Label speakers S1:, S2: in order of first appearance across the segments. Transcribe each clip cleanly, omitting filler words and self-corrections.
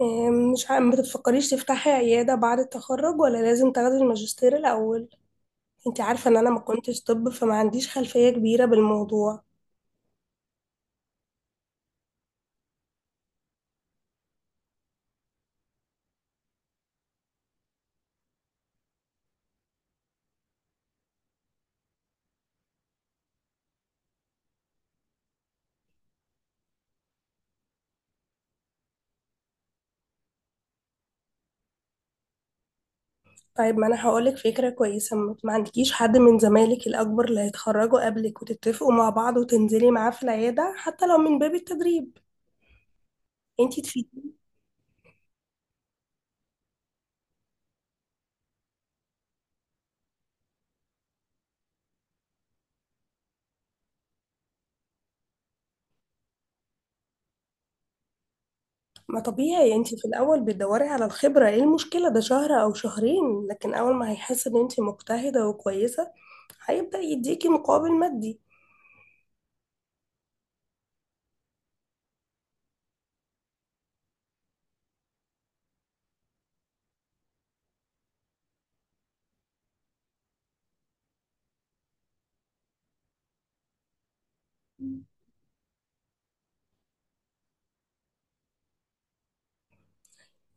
S1: مش عارفة، ما بتفكريش تفتحي عيادة بعد التخرج ولا لازم تاخدي الماجستير الأول؟ انت عارفة ان انا ما كنتش طب، فما عنديش خلفية كبيرة بالموضوع. طيب، ما انا هقولك فكرة كويسة. ما عندكيش حد من زمايلك الأكبر اللي هيتخرجوا قبلك وتتفقوا مع بعض وتنزلي معاه في العيادة حتى لو من باب التدريب؟ انت تفيدي. ما طبيعي انت في الأول بتدوري على الخبرة، ايه المشكلة؟ ده شهر أو شهرين، لكن أول ما هيحس ان انت مجتهدة وكويسة هيبدأ يديكي مقابل مادي.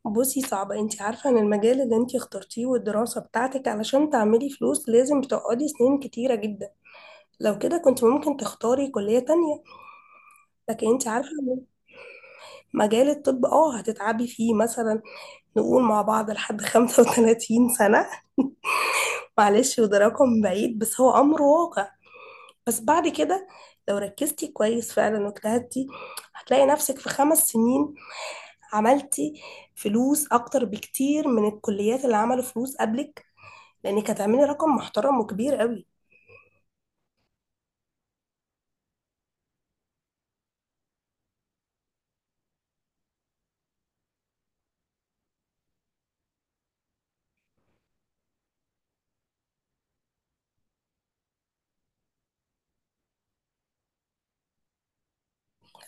S1: بصي، صعبة. انت عارفة ان المجال اللي انت اخترتيه والدراسة بتاعتك علشان تعملي فلوس لازم تقعدي سنين كتيرة جدا. لو كده كنت ممكن تختاري كلية تانية. لكن انت عارفة، مجال الطب اه هتتعبي فيه مثلا، نقول مع بعض لحد 35 سنة. معلش، وده رقم بعيد بس هو امر واقع. بس بعد كده لو ركزتي كويس فعلا واجتهدتي هتلاقي نفسك في 5 سنين عملتي فلوس اكتر بكتير من الكليات اللي عملوا فلوس قبلك، لانك هتعملي رقم محترم وكبير قوي.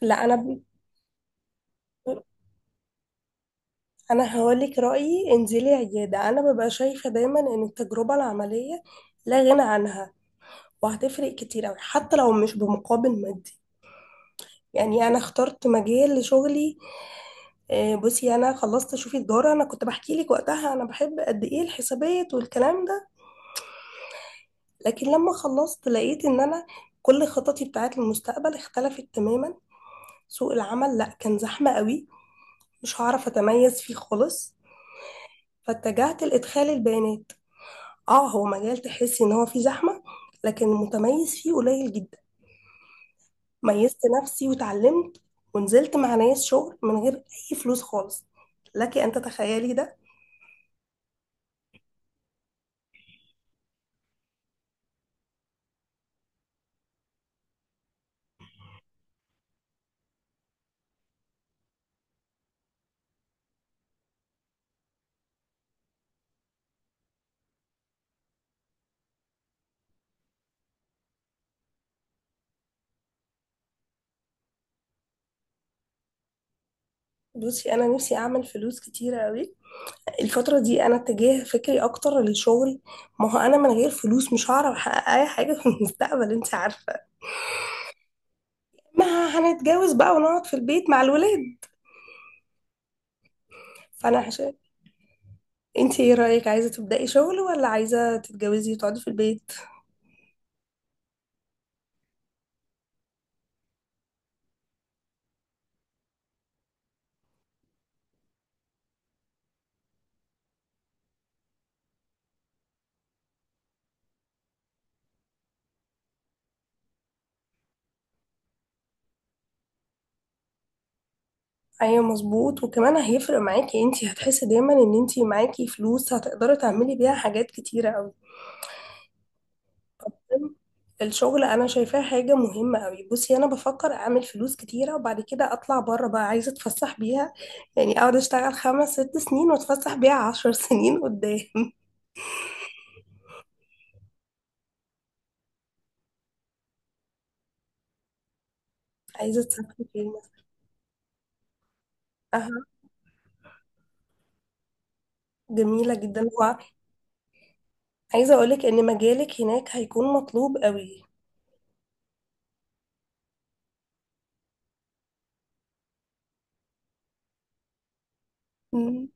S1: لا، انا هقولك رايي، انزلي عياده. انا ببقى شايفه دايما ان التجربه العمليه لا غنى عنها، وهتفرق كتير قوي حتى لو مش بمقابل مادي. يعني انا اخترت مجال لشغلي. بصي، انا خلصت، شوفي، تجاره، انا كنت بحكي لك وقتها انا بحب قد ايه الحسابات والكلام ده. لكن لما خلصت لقيت ان انا كل خططي بتاعت المستقبل اختلفت تماما. سوق العمل لا كان زحمه قوي، مش هعرف اتميز فيه خالص، فاتجهت لإدخال البيانات. اه، هو مجال تحسي ان هو فيه زحمة، لكن المتميز فيه قليل جدا. ميزت نفسي وتعلمت، ونزلت مع ناس شغل من غير اي فلوس خالص. لك ان تتخيلي ده. بصي، انا نفسي اعمل فلوس كتيرة قوي. الفترة دي انا اتجاه فكري اكتر للشغل. ما هو انا من غير فلوس مش هعرف احقق اي حاجة في المستقبل، انت عارفة. ما هنتجوز بقى ونقعد في البيت مع الولاد. فانا عشان... انت ايه رأيك؟ عايزة تبدأي شغل ولا عايزة تتجوزي وتقعدي في البيت؟ ايوه، مظبوط. وكمان هيفرق معاكي، انتي هتحسي دايما ان انتي معاكي فلوس هتقدري تعملي بيها حاجات كتيرة اوي. الشغل انا شايفاه حاجة مهمة اوي. بصي، انا بفكر اعمل فلوس كتيرة وبعد كده اطلع بره بقى، عايزة اتفسح بيها. يعني اقعد اشتغل خمس ست سنين واتفسح بيها 10 سنين قدام. عايزة تسافري فين مثلا؟ اها، جميلة جدا. وعايزة اقولك ان مجالك هناك هيكون مطلوب اوي. مم.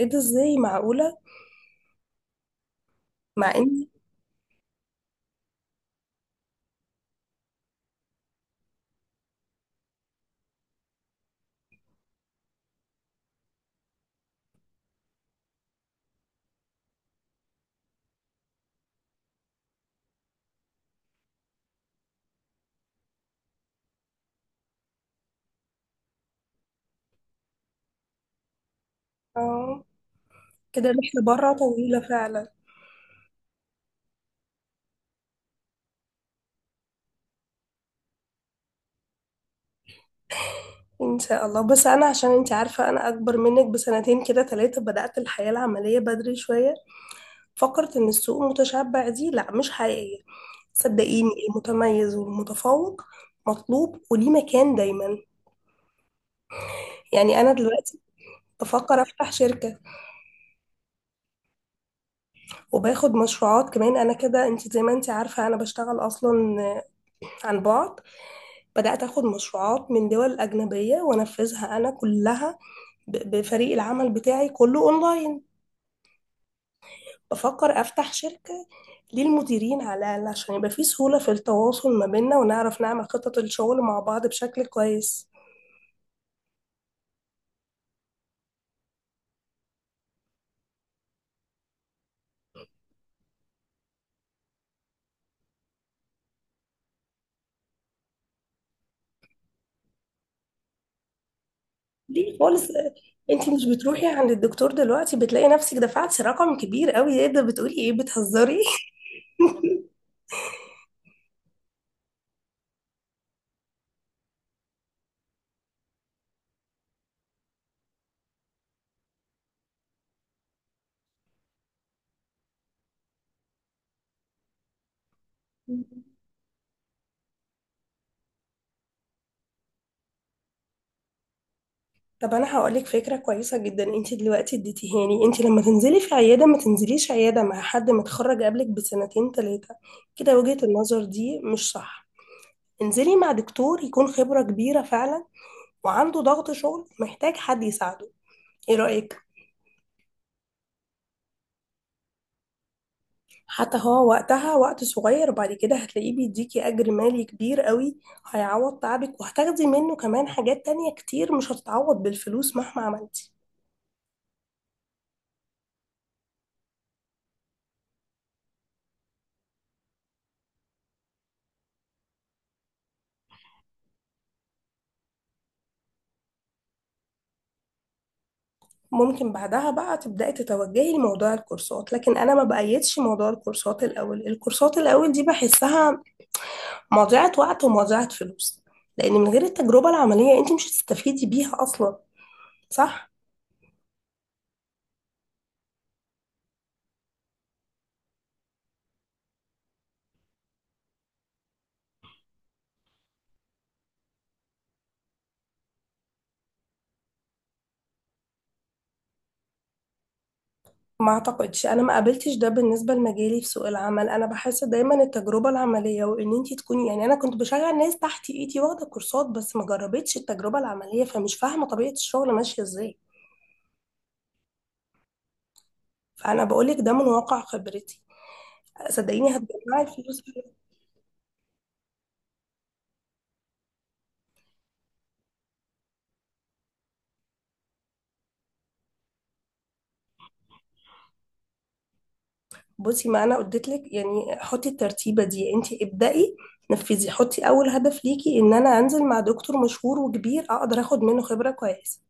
S1: ايه ده؟ ازاي؟ معقولة؟ مع ان... اه، كده رحلة بره طويلة فعلا. ان شاء الله. بس انا عشان انت عارفه انا اكبر منك بسنتين كده ثلاثه، بدات الحياه العمليه بدري شويه. فكرت ان السوق متشبع دي لا مش حقيقيه. صدقيني، المتميز والمتفوق مطلوب وليه مكان دايما. يعني انا دلوقتي بفكر افتح شركه، وباخد مشروعات كمان. انا كده انت زي ما انت عارفه انا بشتغل اصلا آه، عن بعد. بدات اخد مشروعات من دول اجنبيه وانفذها انا كلها بفريق العمل بتاعي كله اونلاين. بفكر افتح شركة ليه المديرين على الأقل، عشان يبقى في سهولة في التواصل ما بيننا ونعرف نعمل خطط الشغل مع بعض بشكل كويس. ليه خالص؟ انت مش بتروحي عند الدكتور دلوقتي بتلاقي نفسك دفعتي رقم كبير قوي؟ ايه ده بتقولي؟ ايه بتهزري؟ طب انا هقولك فكرة كويسة جدا انت دلوقتي اديتيهاني. انت لما تنزلي في عيادة، ما تنزليش عيادة مع حد متخرج قبلك بسنتين ثلاثة كده. وجهة النظر دي مش صح. انزلي مع دكتور يكون خبرة كبيرة فعلا وعنده ضغط شغل محتاج حد يساعده. ايه رأيك؟ حتى هو وقتها وقت صغير، بعد كده هتلاقيه بيديكي اجر مالي كبير قوي، هيعوض تعبك. وهتاخدي منه كمان حاجات تانية كتير مش هتتعوض بالفلوس مهما عملتي. ممكن بعدها بقى تبدأي تتوجهي لموضوع الكورسات، لكن انا ما بأيدش موضوع الكورسات الاول. الكورسات الاول دي بحسها مضيعة وقت ومضيعة فلوس. لان من غير التجربة العملية انت مش هتستفيدي بيها اصلا، صح؟ ما اعتقدش، انا ما قابلتش ده بالنسبه لمجالي في سوق العمل. انا بحس دايما التجربه العمليه وان انت تكوني، يعني انا كنت بشغل ناس تحت ايدي واخده كورسات بس ما جربتش التجربه العمليه، فمش فاهمه طبيعه الشغل ماشيه ازاي. فانا بقولك ده من واقع خبرتي. صدقيني، هتجمعي الفلوس. بصي، ما انا قلت لك يعني حطي الترتيبه دي. انت ابدأي، نفذي. حطي اول هدف ليكي ان انا انزل مع دكتور مشهور وكبير اقدر اخد منه خبره كويسه.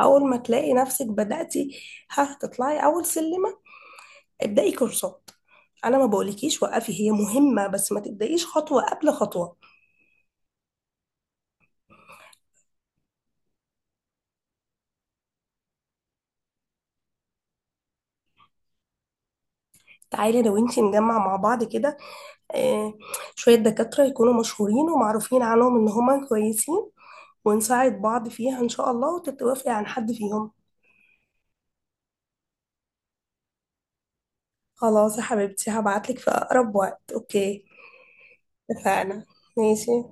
S1: اول ما تلاقي نفسك بدأتي، هتطلعي اول سلم. ابدأي كورسات. انا ما بقولكيش وقفي، هي مهمة، بس ما تبدأيش خطوة قبل خطوة. تعالي لو انتي نجمع مع بعض كده آه، شوية دكاترة يكونوا مشهورين ومعروفين عنهم ان هما كويسين، ونساعد بعض فيها ان شاء الله وتتوافقي عن حد فيهم. خلاص يا حبيبتي، هبعتلك في اقرب وقت، اوكي؟ اتفقنا. ماشي.